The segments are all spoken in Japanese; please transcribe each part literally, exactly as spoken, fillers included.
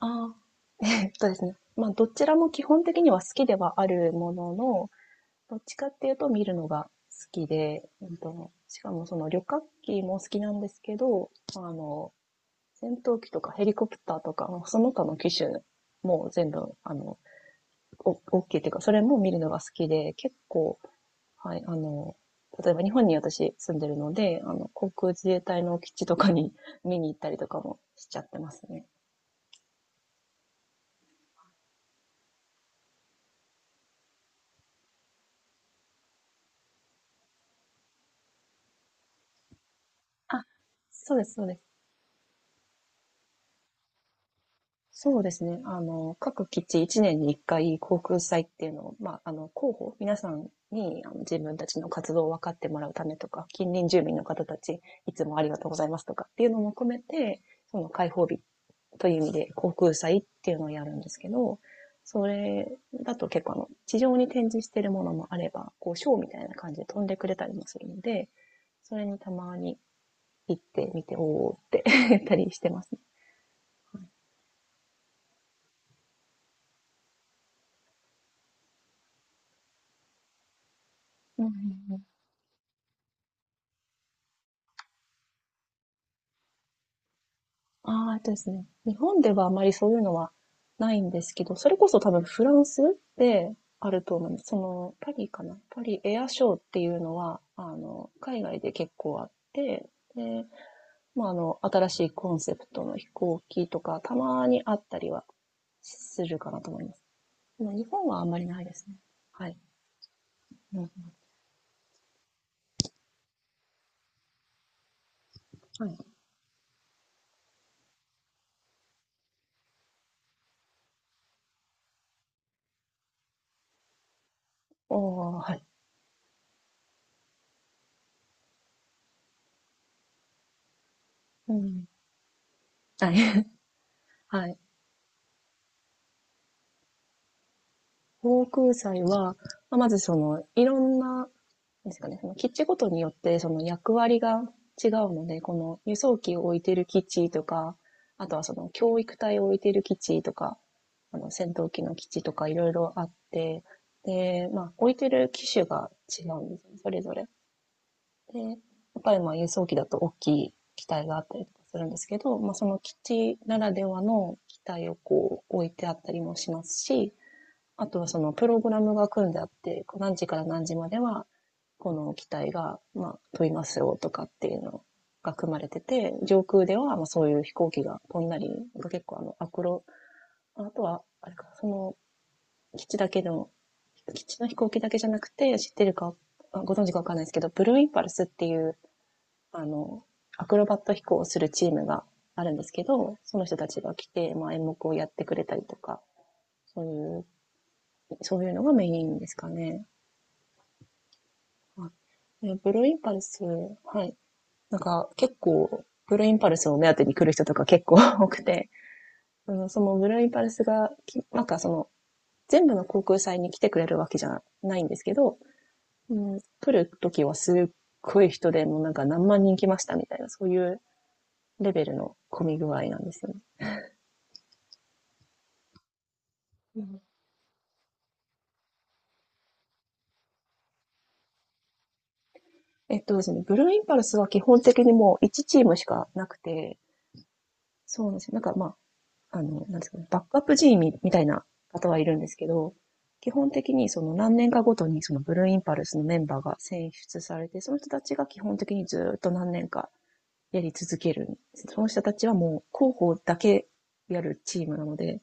ああ、えっとですね。まあ、どちらも基本的には好きではあるものの、どっちかっていうと見るのが好きで、うんと、しかもその旅客機も好きなんですけど、あの、戦闘機とかヘリコプターとか、その他の機種も全部、あの、お、大きいっていうか、それも見るのが好きで、結構、はい、あの、例えば日本に私住んでるので、あの、航空自衛隊の基地とかに 見に行ったりとかもしちゃってますね。あ、そうです、そうです。そうですね。あの、各基地いちねんにいっかい航空祭っていうのを、まあ、あの、広報、皆さんにあの自分たちの活動を分かってもらうためとか、近隣住民の方たち、いつもありがとうございますとかっていうのも含めて、その開放日という意味で航空祭っていうのをやるんですけど、それだと結構あの、地上に展示してるものもあれば、こう、ショーみたいな感じで飛んでくれたりもするので、それにたまに行ってみて、おーって やったりしてますね。うんうん。ああ、えっとですね。日本ではあまりそういうのはないんですけど、それこそ多分フランスであると思うんです。その、パリかなパリエアショーっていうのは、あの、海外で結構あって、で、まあ、あの、新しいコンセプトの飛行機とか、たまにあったりはするかなと思います。でも日本はあんまりないですね。はい。うん。はい。おー、はい。うん。はい。はい。航空祭は、まあまずその、いろんなですかね、その基地ごとによってその役割が違うので、この輸送機を置いてる基地とか、あとはその教育隊を置いてる基地とか、あの戦闘機の基地とかいろいろあって、で、まあ置いてる機種が違うんですよね、それぞれ。で、やっぱりまあ輸送機だと大きい機体があったりとかするんですけど、まあその基地ならではの機体をこう置いてあったりもしますし、あとはそのプログラムが組んであって、こう何時から何時までは、この機体が、まあ、飛びますよとかっていうのが組まれてて、上空では、まあ、そういう飛行機が飛んだり、結構あの、アクロ、あとは、あれか、その基地だけの基地の飛行機だけじゃなくて、知ってるか、ご存知かわかんないですけど、ブルーインパルスっていう、あの、アクロバット飛行をするチームがあるんですけど、その人たちが来て、まあ、演目をやってくれたりとか、そういう、そういうのがメインですかね。はい、えーブルーインパルス、はい。なんか結構、ブルーインパルスを目当てに来る人とか結構 多くて、あのそのブルーインパルスがき、なんかその、全部の航空祭に来てくれるわけじゃないんですけど、うん、来る時はすっごい人でもうなんか何万人来ましたみたいな、そういうレベルの混み具合なんですよね。うん。えっとですね、ブルーインパルスは基本的にもういちチームしかなくて、そうなんですよ。なんかまあ、あの、なんですかね、バックアップ G みみたいな方はいるんですけど、基本的にその何年かごとにそのブルーインパルスのメンバーが選出されて、その人たちが基本的にずっと何年かやり続けるんです。その人たちはもう広報だけやるチームなので、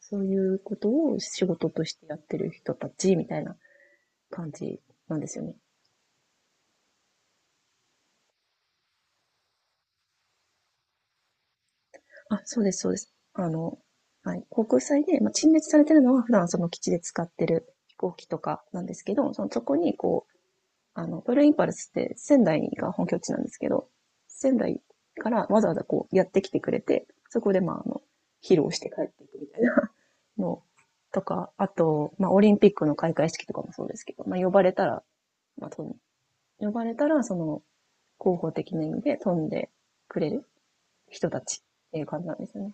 そういうことを仕事としてやってる人たちみたいな感じなんですよね。あ、そうです、そうです。あの、はい、航空祭で、まあ、陳列されてるのは普段その基地で使ってる飛行機とかなんですけど、そのそこにこう、あの、ブルーインパルスって仙台が本拠地なんですけど、仙台からわざわざこうやってきてくれて、そこでまあ、あの、披露して帰っていくみたいな のとか、あと、まあ、オリンピックの開会式とかもそうですけど、まあ、呼ばれたら、まあ、飛ん呼ばれたら、その、広報的な意味で飛んでくれる人たちっていう感じなんですよね。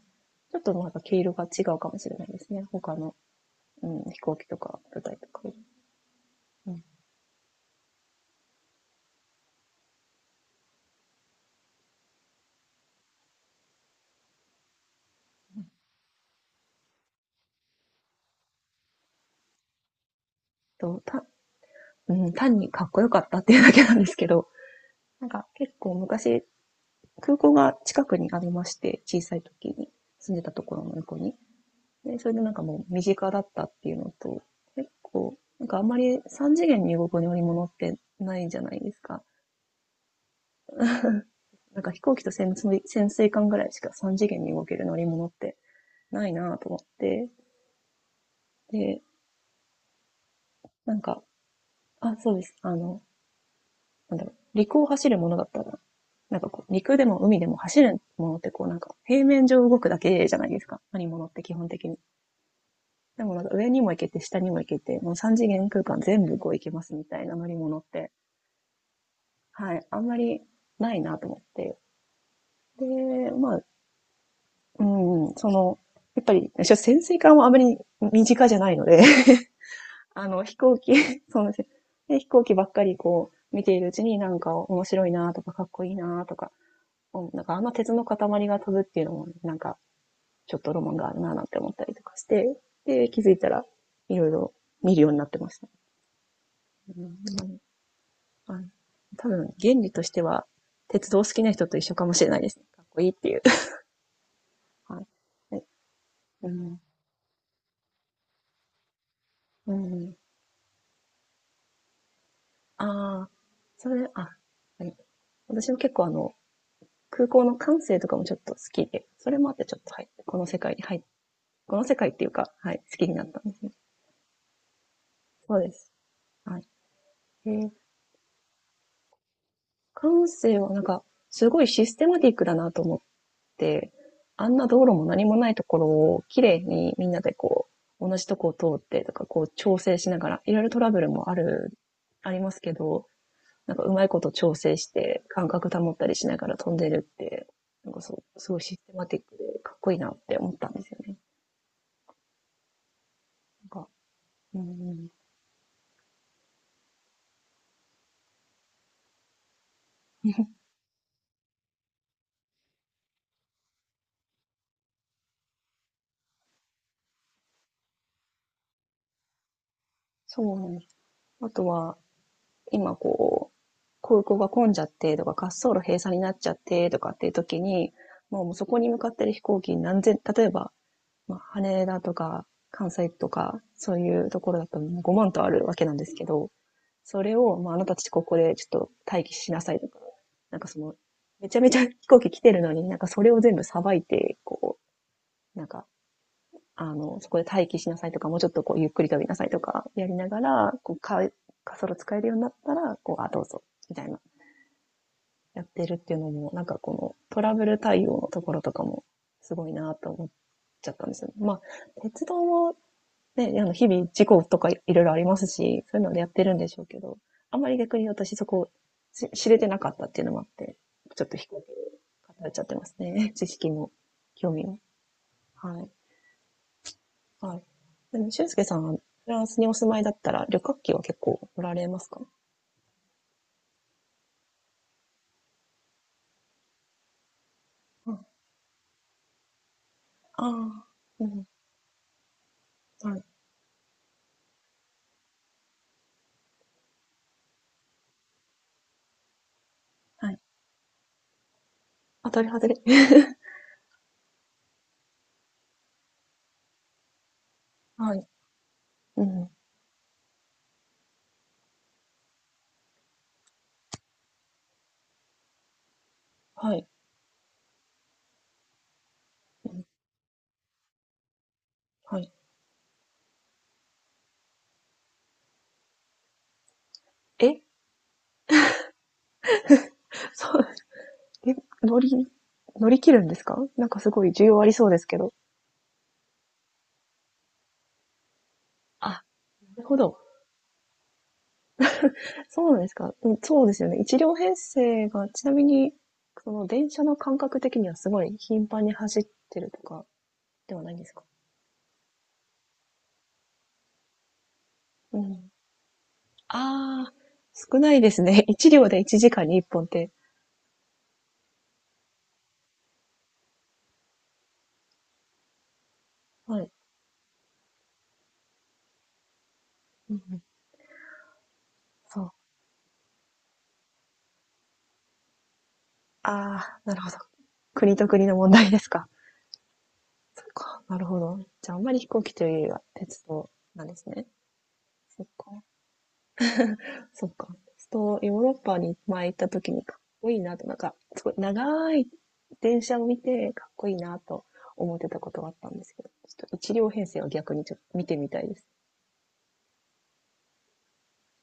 ちょっとまた毛色が違うかもしれないですね。他の、うん、飛行機とか舞台とか。うん、とたうん、単にかっこよかったっていうだけなんですけど、なんか結構昔、空港が近くにありまして、小さい時に住んでたところの横に。で、それでなんかもう身近だったっていうのと、結構、なんかあんまりさん次元に動く乗り物ってないじゃないですか。なんか飛行機と潜水潜水艦ぐらいしかさん次元に動ける乗り物ってないなと思って、で、なんか、あ、そうです。あの、なんだろう、陸を走るものだったら、なんかこう、陸でも海でも走るものってこうなんか、平面上動くだけじゃないですか。乗り物って基本的に。でもなんか上にも行けて下にも行けて、もう三次元空間全部こう行けますみたいな乗り物って、はい、あんまりないなと思って。で、まあ、うん、その、やっぱり、潜水艦はあまり身近じゃないので、あの、飛行機、そうなんですよ。で飛行機ばっかりこう、見ているうちになんか面白いなとかかっこいいなとか、うんなんかあんま鉄の塊が飛ぶっていうのもねなんかちょっとロマンがあるななんて思ったりとかして、で、気づいたらいろいろ見るようになってました。うん。あの、多分原理としては、鉄道好きな人と一緒かもしれないですね。かっこいいっていう。はい。え、うん、うん。ああ、それ、あ、はい。私も結構あの、空港の管制とかもちょっと好きで、それもあってちょっと、はい、この世界に入っこの世界っていうか、はい、好きになったんですね。そうです。はい。えー、管制はなんか、すごいシステマティックだなと思っ、あんな道路も何もないところを綺麗にみんなでこう、同じとこを通ってとか、こう調整しながら、いろいろトラブルもある、ありますけど、なんかうまいこと調整して感覚保ったりしながら飛んでるって、なんかそう、すごいシステマティックでかっこいいなって思ったんですよね。なんか、うんうん。そうなんです。あとは、今こう、空港が混んじゃってとか、滑走路閉鎖になっちゃってとかっていう時に、もうそこに向かってる飛行機何千、例えばまあ、羽田とか関西とか、そういうところだともうごまんとあるわけなんですけど、それを、まあ、あなたたちここでちょっと待機しなさいとか、なんかその、めちゃめちゃ 飛行機来てるのに、なんかそれを全部さばいて、こう、なんか、あの、そこで待機しなさいとか、もうちょっとこう、ゆっくり飛びなさいとか、やりながら、こう、か、滑走使えるようになったら、こう、あ、どうぞ、みたいな、やってるっていうのも、なんかこの、トラブル対応のところとかも、すごいなと思っちゃったんですよね。まあ、鉄道もね、あの、日々事故とかいろいろありますし、そういうのでやってるんでしょうけど、あんまり逆に私そこ知れてなかったっていうのもあって、ちょっと飛行機に語れちゃってますね。知識も興味も。はい。はい。でも、俊介さんはフランスにお住まいだったら旅客機は結構乗られますか？うん。ああ。うん。はい。はい。当たり外れ。はい。うん。はい。うん。はい。え。 そう、え、乗り、乗り切るんですか？なんかすごい需要ありそうですけど。なるほど。そうなんですか。うん、そうですよね。いち両編成が、ちなみに、その電車の感覚的にはすごい頻繁に走ってるとかではないんですか？うん。ああ、少ないですね。いち両でいちじかんにいっぽんって。はい。うんうん、そう。ああ、なるほど。国と国の問題ですか？そっか。なるほど。じゃあ、あんまり飛行機というよりは鉄道なんですね。そっか。そっか。そう、ヨーロッパに前行った時にかっこいいなと、なんか、すごい長い電車を見てかっこいいなと思ってたことがあったんですけど、ちょっと一両編成は逆にちょっと見てみたいです。